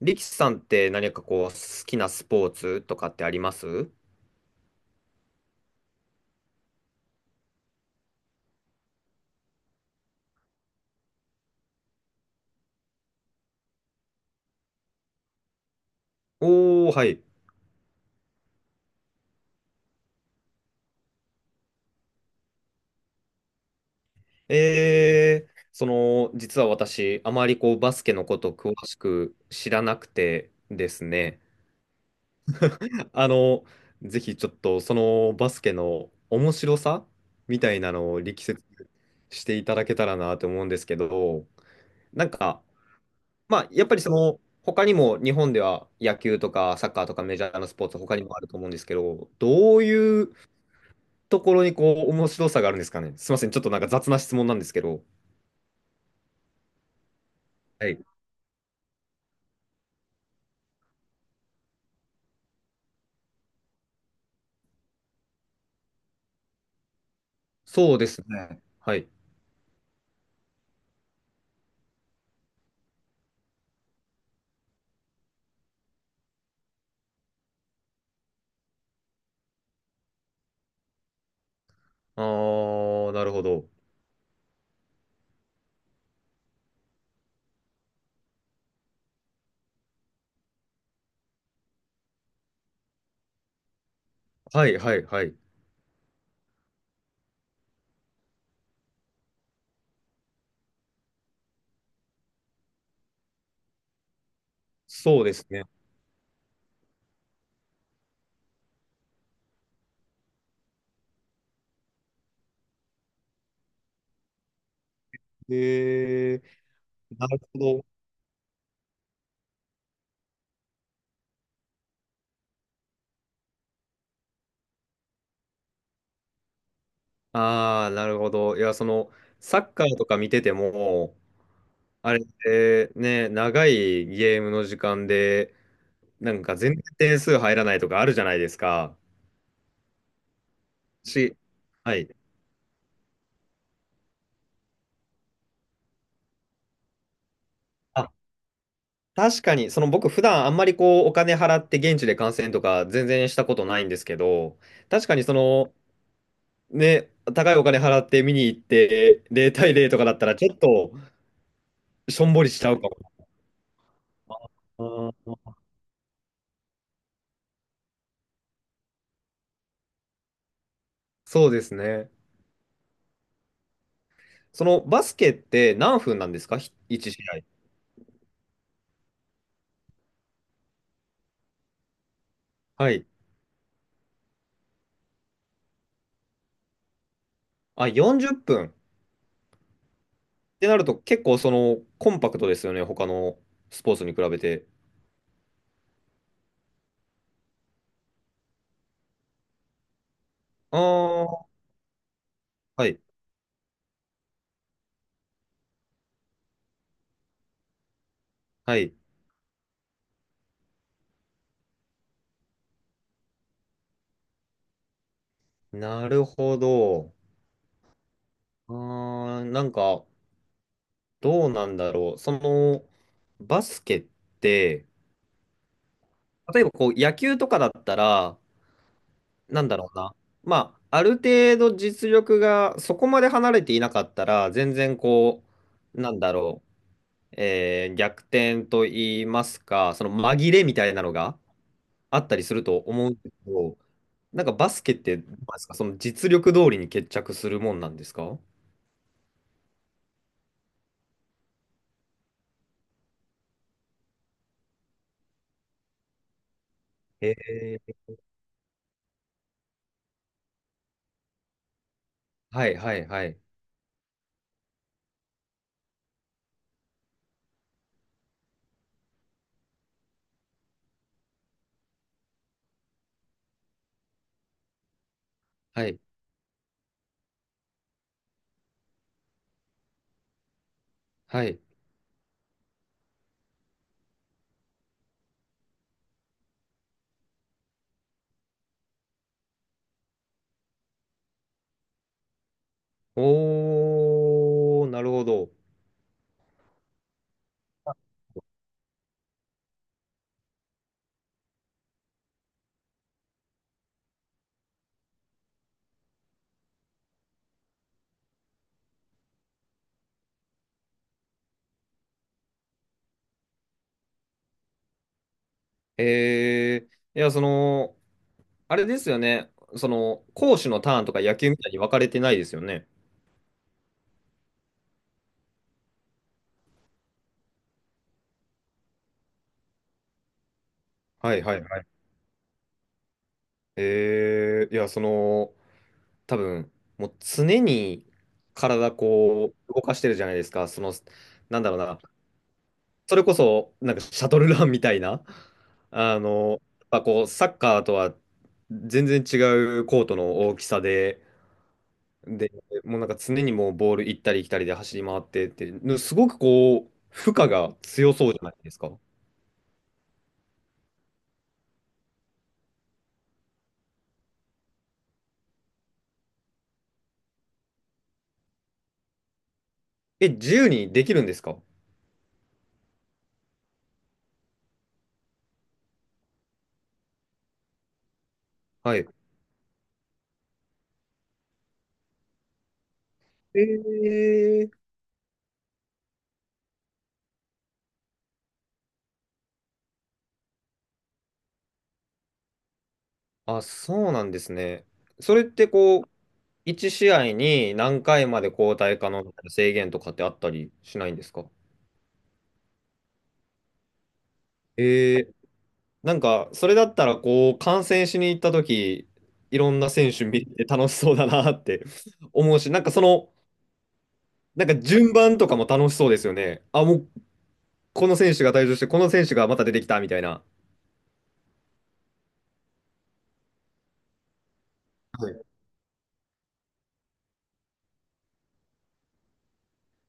リキさんって何かこう、好きなスポーツとかってあります？おー、はい。実は私、あまりこう、バスケのこと詳しく知らなくてですね。あの、ぜひちょっと、そのバスケの面白さみたいなのを力説していただけたらなと思うんですけど、なんか、まあ、やっぱり他にも日本では野球とかサッカーとかメジャーなスポーツ他にもあると思うんですけど、どういうところにこう面白さがあるんですかね。すみません、ちょっとなんか雑な質問なんですけど。はい。そうですね。はい。あー、なるほど。はいはいはい。そうですね。へえー、なるほど。あー、なるほど。いや、サッカーとか見てても、あれってね、長いゲームの時間で、なんか全然点数入らないとかあるじゃないですか。し、はい。あ、確かに、その僕普段あんまりこうお金払って現地で観戦とか全然したことないんですけど、確かにそのね、高いお金払って見に行って0対0とかだったらちょっとしょんぼりしちゃうかも。あー、そうですね。そのバスケって何分なんですか ?1 試合。はい。あ、40分、っぷんってなると結構そのコンパクトですよね、他のスポーツに比べて。ああ、はい。はい。なるほど。あー、なんか、どうなんだろう。バスケって、例えばこう野球とかだったら、なんだろうな。まあ、ある程度実力がそこまで離れていなかったら、全然こう、なんだろう、逆転と言いますか、その紛れみたいなのがあったりすると思うんですけど、なんかバスケってどうなんですか、その実力通りに決着するもんなんですか？えーはいはいはい。はいはい。おー、なるほど。えー、いや、あれですよね。攻守のターンとか野球みたいに分かれてないですよね。はいはいはい。いや、多分、もう常に体こう、動かしてるじゃないですか。なんだろうな。それこそ、なんかシャトルランみたいな。あの、やっぱこう、サッカーとは全然違うコートの大きさで、で、もうなんか常にもうボール行ったり来たりで走り回ってって、すごくこう、負荷が強そうじゃないですか。え、自由にできるんですか？はい。えー、あ、そうなんですね。それってこう、1試合に何回まで交代可能みたいな制限とかってあったりしないんですか？えー、なんか、それだったらこう、観戦しに行った時、いろんな選手見て楽しそうだなって 思うし、なんかなんか順番とかも楽しそうですよね。あ、もうこの選手が退場して、この選手がまた出てきたみたいな。はい。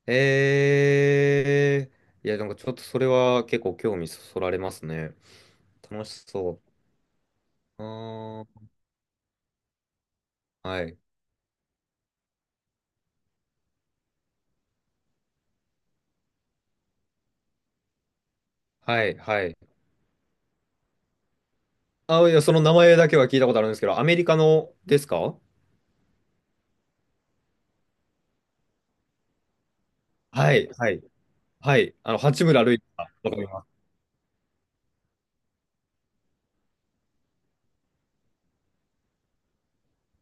えいや、なんかちょっとそれは結構興味そそられますね。楽しそう。あー、はい、はい、はい。あ、いや、その名前だけは聞いたことあるんですけど、アメリカのですか？はい、はい、はい。八村塁がわかります。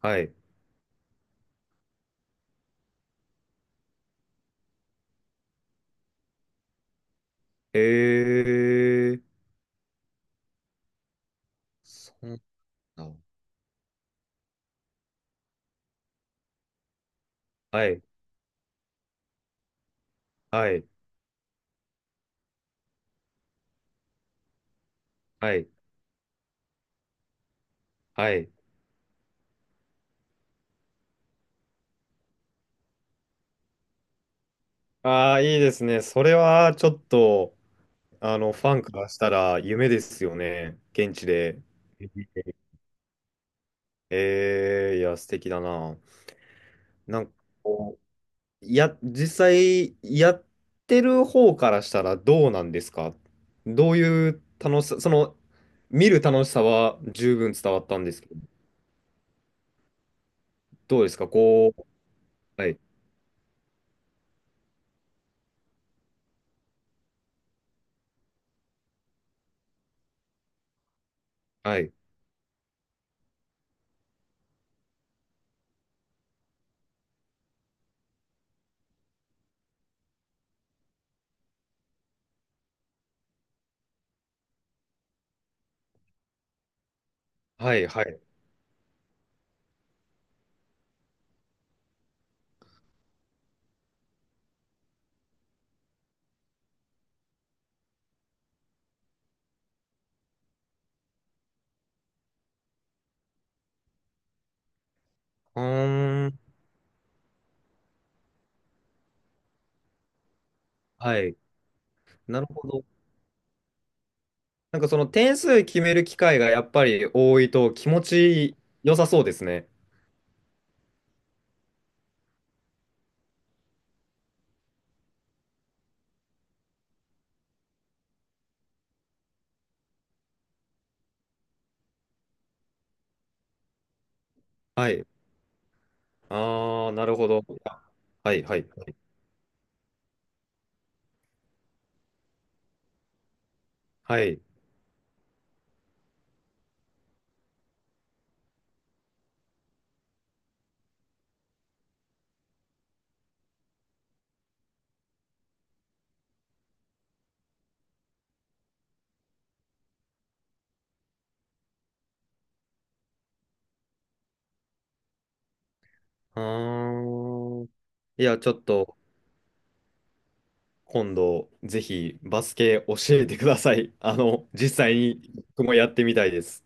はい。えー、そうなのだ。はい、はい、はい、はい。ああ、いいですね。それはちょっと、ファンからしたら夢ですよね。現地で。ええ、いや、素敵だな。なんかこう、実際、やってる方からしたらどうなんですか？どういう楽しさ、見る楽しさは十分伝わったんですけど、どうですかこう、はい、はい、はい、はい。うーん、はい。なるほど。なんかその点数決める機会がやっぱり多いと気持ち良さそうですね。はい。ああ、なるほど。あ、はいはいはい。はい。ああ。いや、ちょっと今度ぜひバスケ教えてください。実際に僕もやってみたいです。